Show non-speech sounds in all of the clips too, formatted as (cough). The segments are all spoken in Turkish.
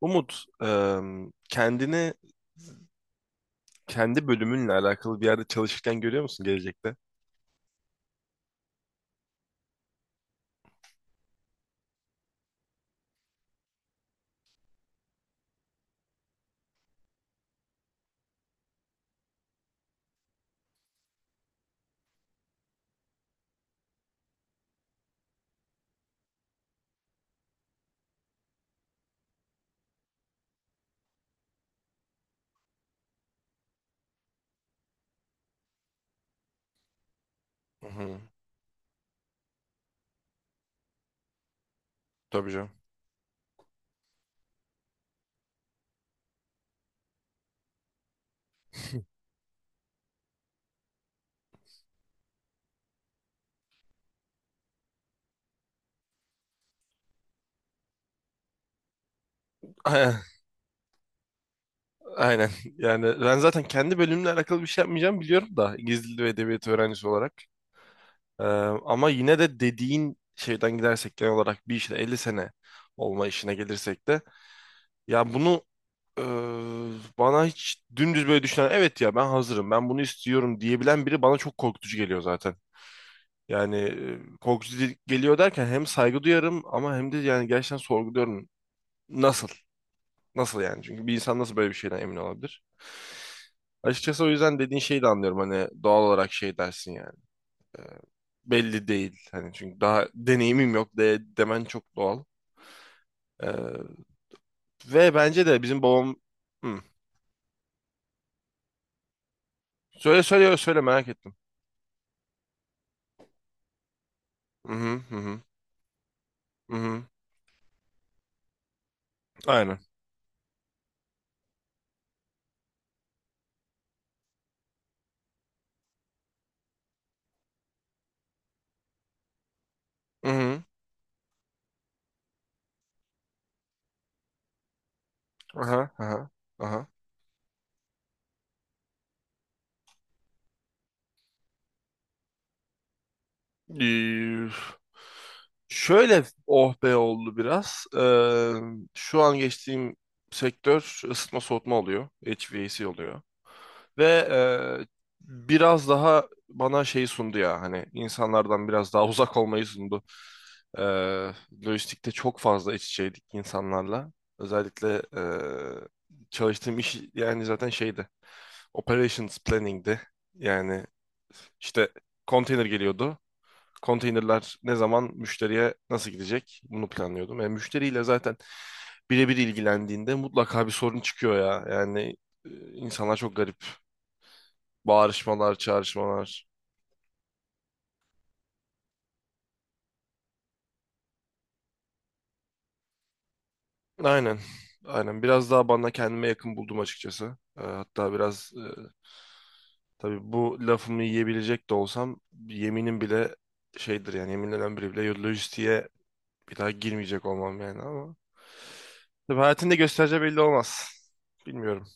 Umut, kendi bölümünle alakalı bir yerde çalışırken görüyor musun gelecekte? Hı hı. Tabii canım. Aynen. Aynen. Yani ben zaten kendi bölümümle alakalı bir şey yapmayacağım biliyorum da İngiliz Dili ve Edebiyatı öğrencisi olarak. Em, Ama yine de dediğin şeyden gidersek genel olarak bir işte 50 sene olma işine gelirsek de ya bunu e, bana hiç dümdüz böyle düşünen evet ya ben hazırım ben bunu istiyorum diyebilen biri bana çok korkutucu geliyor zaten. Yani korkutucu geliyor derken hem saygı duyarım ama hem de yani gerçekten sorguluyorum. Nasıl? Nasıl yani? Çünkü bir insan nasıl böyle bir şeyden emin olabilir? Açıkçası o yüzden dediğin şeyi de anlıyorum. Hani doğal olarak şey dersin yani. e, Belli değil. Hani çünkü daha deneyimim yok demen çok doğal. E, Ve bence de bizim babam... Hı. Söyle söyle söyle merak ettim. Hı hı hı hı. Hı hı. Aynen. Hı hı. Aha aha aha. Ee, Şöyle oh be oldu biraz. Şu an geçtiğim sektör ısıtma soğutma oluyor. HVAC oluyor. Ve e, biraz daha bana şey sundu ya, hani insanlardan biraz daha (laughs) uzak olmayı sundu. Ee, Lojistikte çok fazla iç içeydik insanlarla. Özellikle çalıştığım iş yani zaten şeydi. Operations planning'di. Yani işte konteyner geliyordu, konteynerler ne zaman müşteriye nasıl gidecek bunu planlıyordum. Yani müşteriyle zaten birebir ilgilendiğinde mutlaka bir sorun çıkıyor ya. Yani insanlar çok garip. Bağırışmalar, çağrışmalar. Aynen. Aynen. Biraz daha bana kendime yakın buldum açıkçası. Hatta biraz tabii bu lafımı yiyebilecek de olsam, yeminim bile şeydir yani, yeminlenen biri bile lojistiğe bir daha girmeyecek olmam yani, ama tabii hayatında gösterece belli olmaz. Bilmiyorum.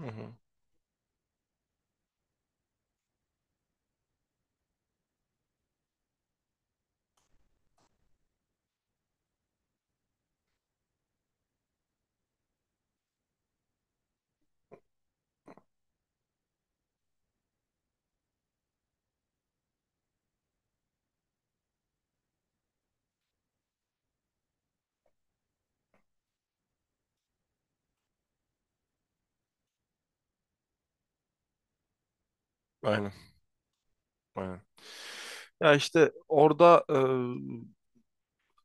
Hı hı. Aynen, aynen. Ya işte orada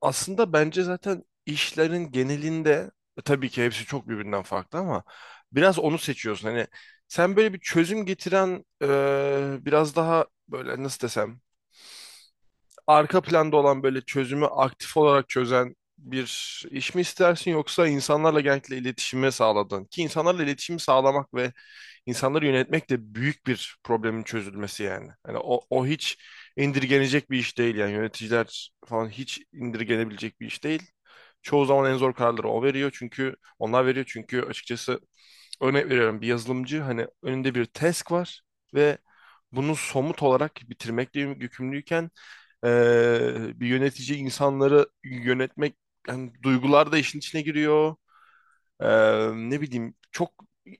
aslında bence zaten işlerin genelinde tabii ki hepsi çok birbirinden farklı ama biraz onu seçiyorsun. Hani sen böyle bir çözüm getiren biraz daha böyle nasıl desem arka planda olan böyle çözümü aktif olarak çözen bir iş mi istersin, yoksa insanlarla genellikle iletişimi sağladın? Ki insanlarla iletişimi sağlamak ve insanları yönetmek de büyük bir problemin çözülmesi yani. Hani o hiç indirgenecek bir iş değil yani, yöneticiler falan hiç indirgenebilecek bir iş değil. Çoğu zaman en zor kararları o veriyor çünkü onlar veriyor çünkü açıkçası örnek veriyorum, bir yazılımcı hani önünde bir task var ve bunu somut olarak bitirmekle yükümlüyken bir yönetici insanları yönetmek, yani duygular da işin içine giriyor. Ne bileyim, çok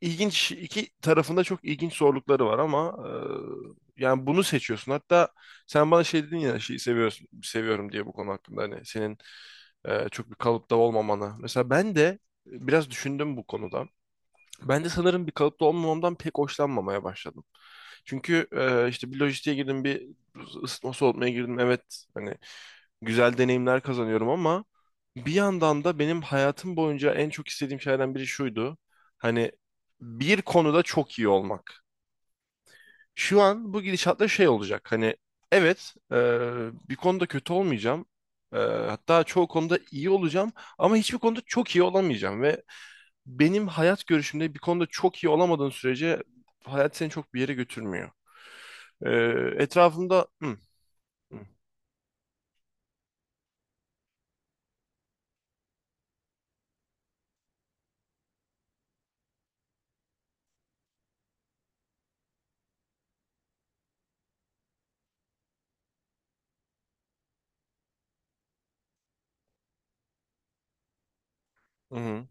ilginç, iki tarafında çok ilginç zorlukları var ama yani bunu seçiyorsun. Hatta sen bana şey dedin ya, şeyi seviyorsun seviyorum diye, bu konu hakkında hani senin çok bir kalıpta olmamanı. Mesela ben de biraz düşündüm bu konuda. Ben de sanırım bir kalıpta olmamamdan pek hoşlanmamaya başladım. Çünkü işte bir lojistiğe girdim, bir ısıtma soğutmaya girdim. Evet, hani güzel deneyimler kazanıyorum ama bir yandan da benim hayatım boyunca en çok istediğim şeylerden biri şuydu. Hani bir konuda çok iyi olmak. Şu an bu gidişatla şey olacak. Hani evet, bir konuda kötü olmayacağım. Hatta çoğu konuda iyi olacağım ama hiçbir konuda çok iyi olamayacağım, ve benim hayat görüşümde bir konuda çok iyi olamadığın sürece hayat seni çok bir yere götürmüyor. Ee, Etrafımda, hı, hı, hı,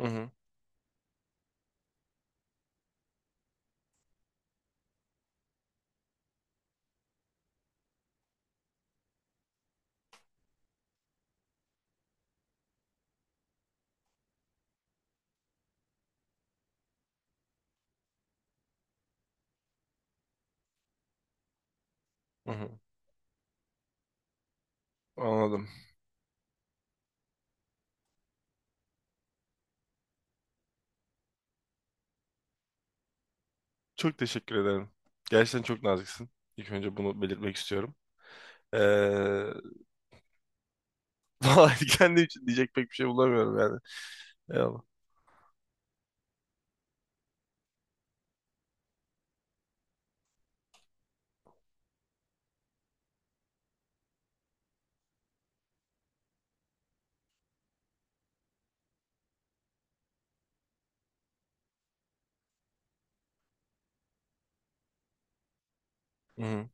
hı, hı, hı. Anladım. Çok teşekkür ederim. Gerçekten çok naziksin. İlk önce bunu belirtmek istiyorum. Ee, (laughs) Vallahi kendim için diyecek pek bir şey bulamıyorum yani. Eyvallah. Hı hı.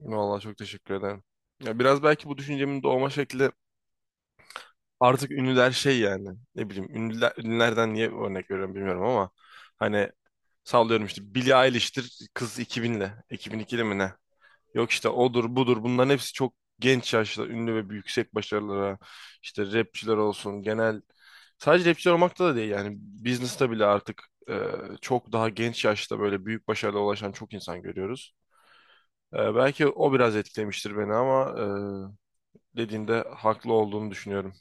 Vallahi çok teşekkür ederim. Ya biraz belki bu düşüncemin doğma şekli artık ünlüler şey yani, ne bileyim ünlülerden niye örnek veriyorum bilmiyorum ama, hani sallıyorum işte Billie Eilish'tir, kız 2000'le 2002'li mi ne? Yok işte odur budur, bunların hepsi çok genç yaşta ünlü ve yüksek başarılara, işte rapçiler olsun, genel sadece rapçiler olmakta da değil yani, business'ta bile artık e, çok daha genç yaşta böyle büyük başarılara ulaşan çok insan görüyoruz. Belki o biraz etkilemiştir beni ama dediğinde haklı olduğunu düşünüyorum.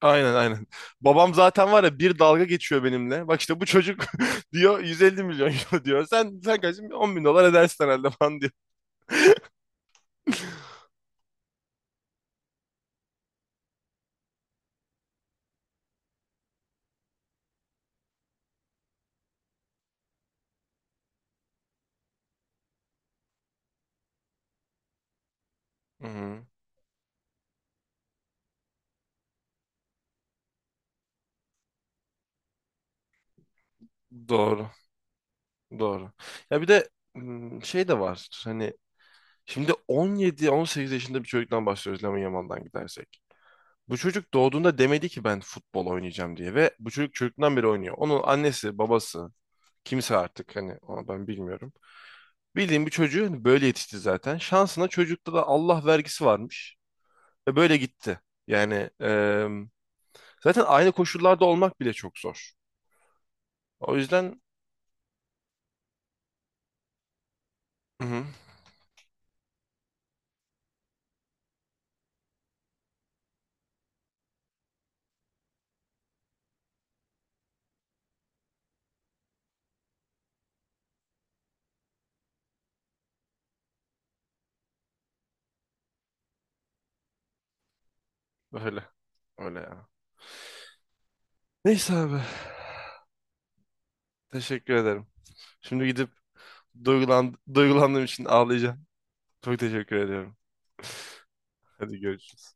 Aynen, aynen. Babam zaten var ya, bir dalga geçiyor benimle. Bak işte bu çocuk (laughs) diyor, 150 milyon euro diyor. Sen kaç 10 bin dolar edersin herhalde (laughs) falan diyor. Hı hı. Doğru. Doğru. Ya bir de şey de var. Hani şimdi 17-18 yaşında bir çocuktan bahsediyoruz, Lamine Yamal'dan gidersek. Bu çocuk doğduğunda demedi ki ben futbol oynayacağım diye, ve bu çocuk çocuktan beri oynuyor. Onun annesi, babası, kimse artık, hani onu ben bilmiyorum. Bildiğim bir çocuğu, hani böyle yetişti zaten. Şansına çocukta da Allah vergisi varmış. Ve böyle gitti. Yani e, zaten aynı koşullarda olmak bile çok zor. O yüzden, hı hı, öyle. Öyle ya. Neyse abi. Teşekkür ederim. Şimdi gidip duygulandığım için ağlayacağım. Çok teşekkür ediyorum. Hadi görüşürüz.